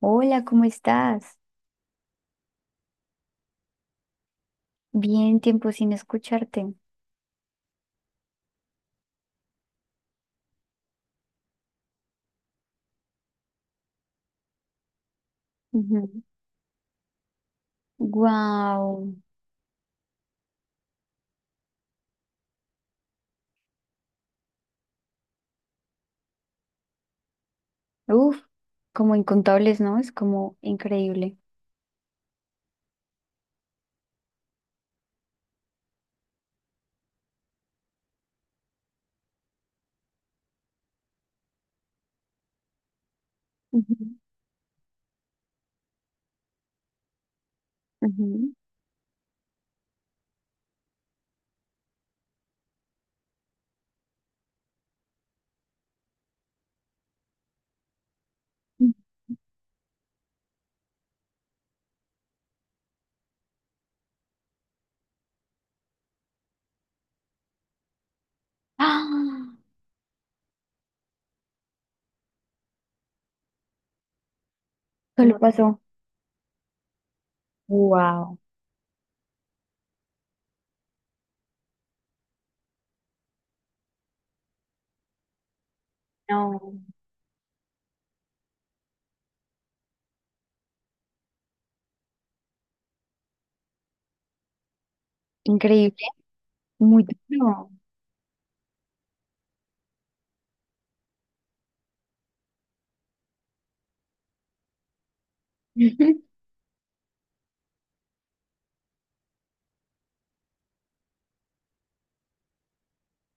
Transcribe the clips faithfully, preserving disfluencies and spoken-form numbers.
Hola, ¿cómo estás? Bien, tiempo sin escucharte. Wow. Uf, como incontables, ¿no? Es como increíble. Ujú, ujú. ¡Ah! Solo pasó. Wow. No. Increíble. Muy duro. Ujú.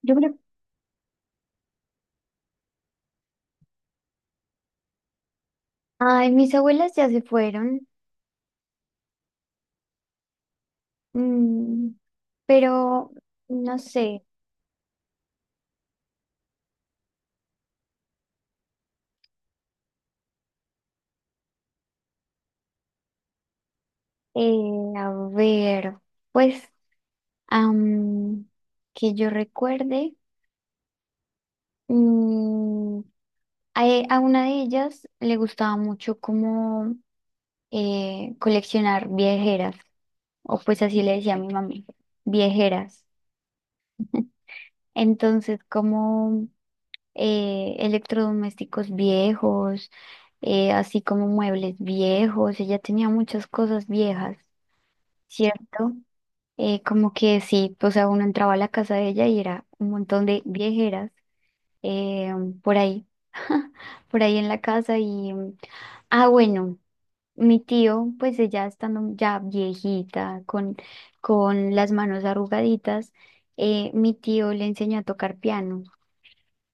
Yo creo. Ay, mis abuelas ya se fueron. Mm, pero no sé. Eh, a ver, pues, am, que yo recuerde. Mm, a, e- a una de ellas le gustaba mucho como eh, coleccionar viejeras, o pues así le decía a mi mami, viejeras. Entonces, como eh, electrodomésticos viejos, eh, así como muebles viejos, ella tenía muchas cosas viejas, ¿cierto? Eh, como que sí, o sea, uno entraba a la casa de ella y era un montón de viejeras eh, por ahí, por ahí en la casa y... Ah, bueno, mi tío, pues ella estando ya viejita, con, con las manos arrugaditas, eh, mi tío le enseñó a tocar piano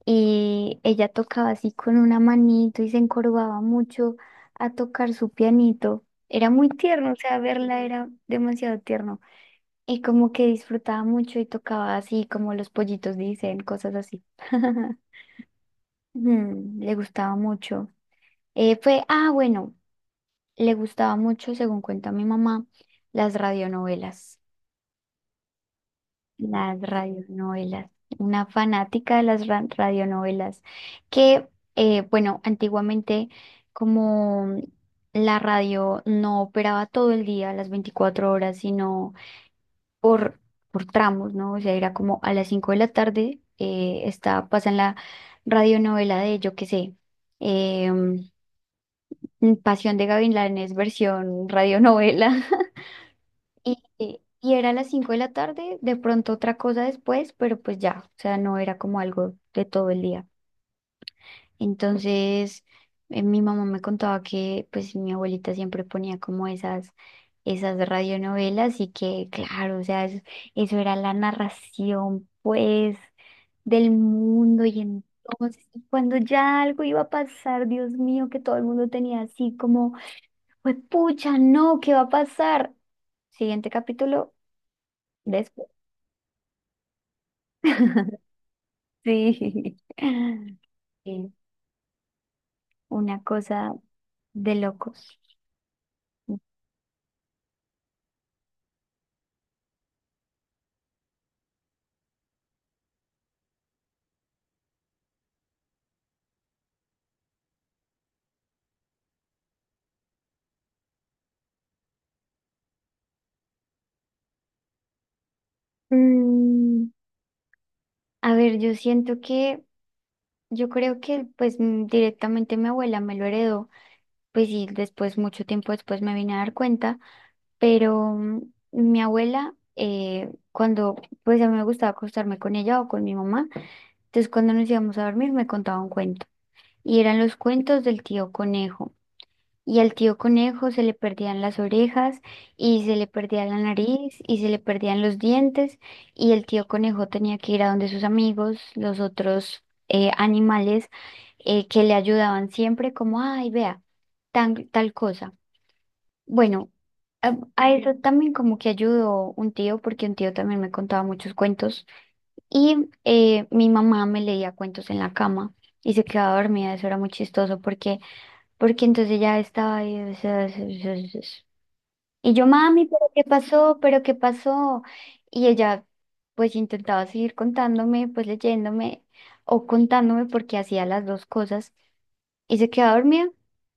y ella tocaba así con una manito y se encorvaba mucho a tocar su pianito. Era muy tierno, o sea, verla era demasiado tierno y como que disfrutaba mucho y tocaba así como los pollitos dicen, cosas así. Mm, le gustaba mucho. Eh, fue, ah, bueno. Le gustaba mucho, según cuenta mi mamá, las radionovelas. Las radionovelas. Una fanática de las ra- radionovelas. Que, eh, bueno, antiguamente, como la radio no operaba todo el día, las veinticuatro horas, sino por, por tramos, ¿no? O sea, era como a las cinco de la tarde, eh, está, pasan la radionovela de, yo qué sé, em, Pasión de Gavilanes, versión radionovela. Y, y era a las cinco de la tarde, de pronto otra cosa después, pero pues ya, o sea, no era como algo de todo el día. Entonces, eh, mi mamá me contaba que pues mi abuelita siempre ponía como esas, esas radionovelas y que, claro, o sea, eso, eso era la narración pues del mundo y entonces cuando ya algo iba a pasar, Dios mío, que todo el mundo tenía así como, pues pucha, no, ¿qué va a pasar? Siguiente capítulo. Después. Sí, Sí, una cosa de locos. Mm, a ver, yo siento que, yo creo que pues mm, directamente mi abuela me lo heredó, pues sí, después, mucho tiempo después me vine a dar cuenta, pero mm, mi abuela, eh, cuando pues a mí me gustaba acostarme con ella o con mi mamá, entonces cuando nos íbamos a dormir me contaba un cuento y eran los cuentos del tío conejo. Y al tío conejo se le perdían las orejas y se le perdía la nariz y se le perdían los dientes y el tío conejo tenía que ir a donde sus amigos, los otros eh, animales eh, que le ayudaban siempre como, ay, vea, tan, tal cosa. Bueno, a, a eso también como que ayudó un tío porque un tío también me contaba muchos cuentos y eh, mi mamá me leía cuentos en la cama y se quedaba dormida. Eso era muy chistoso porque porque entonces ya estaba ahí, o sea, s- s- s- s- y yo, mami, pero ¿qué pasó? ¿Pero qué pasó? Y ella, pues intentaba seguir contándome, pues leyéndome o contándome porque hacía las dos cosas y se quedaba dormida.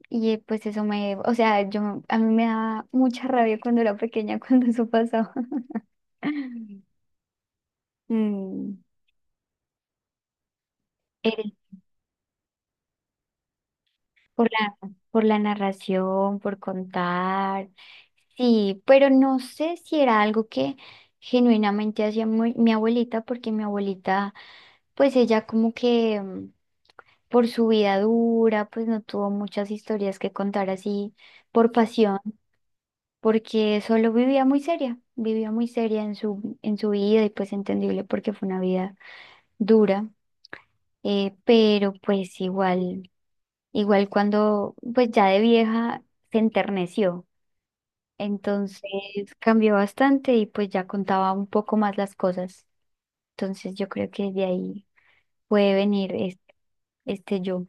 Y eh, pues eso me, o sea, yo, a mí me daba mucha rabia cuando era pequeña, cuando eso pasaba. Mm, Por la, por la narración, por contar. Sí, pero no sé si era algo que genuinamente hacía mu- mi abuelita, porque mi abuelita, pues ella como que mm, por su vida dura, pues no tuvo muchas historias que contar así por pasión, porque solo vivía muy seria, vivía muy seria en su, en su vida y pues entendible porque fue una vida dura, eh, pero pues igual, igual cuando pues ya de vieja se enterneció. Entonces cambió bastante y pues ya contaba un poco más las cosas. Entonces yo creo que de ahí puede venir es- este, yo.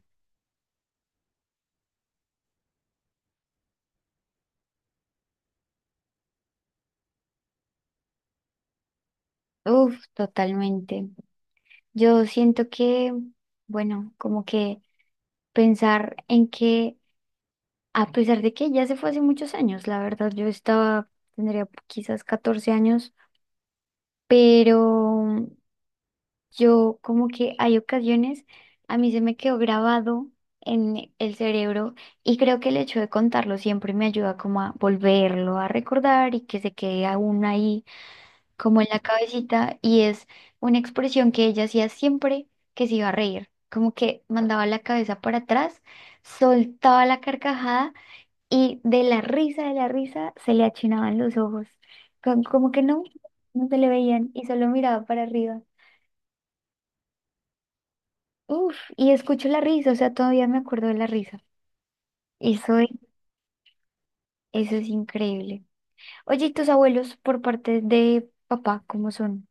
Uf, totalmente. Yo siento que, bueno, como que pensar en que, a pesar de que ya se fue hace muchos años, la verdad, yo estaba, tendría quizás catorce años, pero Yo como que hay ocasiones, a mí se me quedó grabado en el cerebro y creo que el hecho de contarlo siempre me ayuda como a volverlo a recordar y que se quede aún ahí como en la cabecita y es una expresión que ella hacía siempre que se iba a reír, como que mandaba la cabeza para atrás, soltaba la carcajada y de la risa, de la risa, se le achinaban los ojos, co- como que no, no se le veían y solo miraba para arriba. Uf, y escucho la risa, o sea, todavía me acuerdo de la risa. Eso es, eso es increíble. Oye, ¿y tus abuelos por parte de papá, cómo son?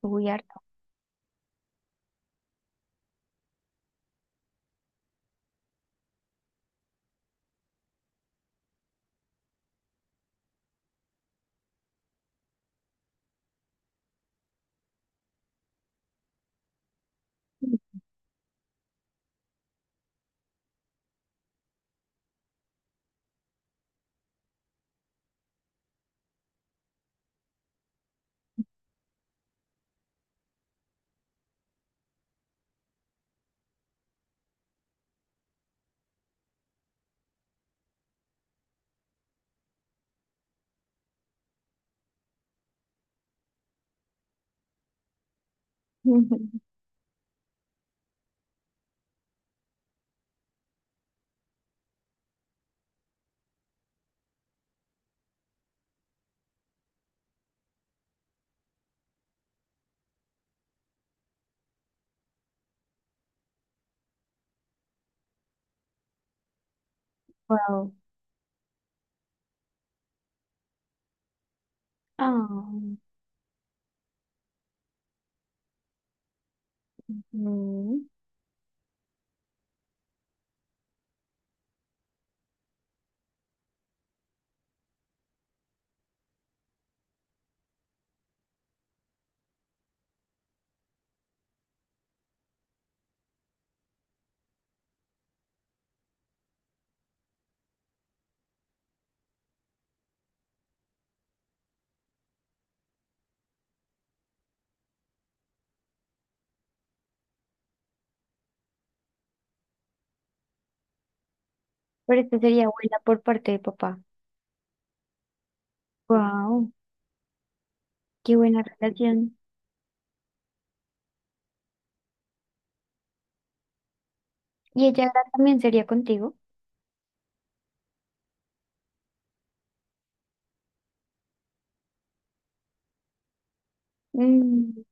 Uy, harto. Wow. Ah, ujú. Pero esta sería abuela por parte de papá. Wow, qué buena relación. ¿Y ella ahora también sería contigo? Mm,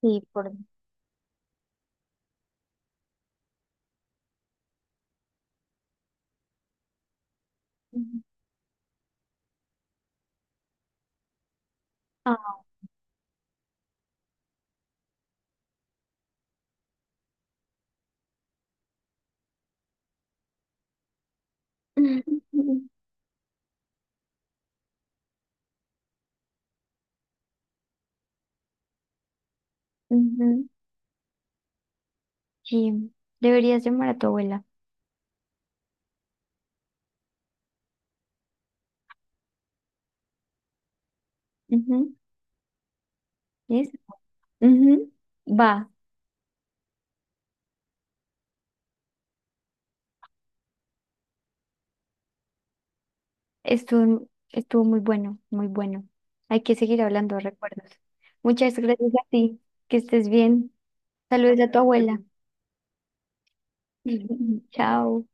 sí, por. Ujú. Ah. Ujú. Sí, deberías llamar a tu abuela. Ujú. ¿Listo? Ujú. Va. Estuvo, estuvo muy bueno, muy bueno. Hay que seguir hablando de recuerdos. Muchas gracias a ti. Que estés bien. Saludos a tu abuela. Chao.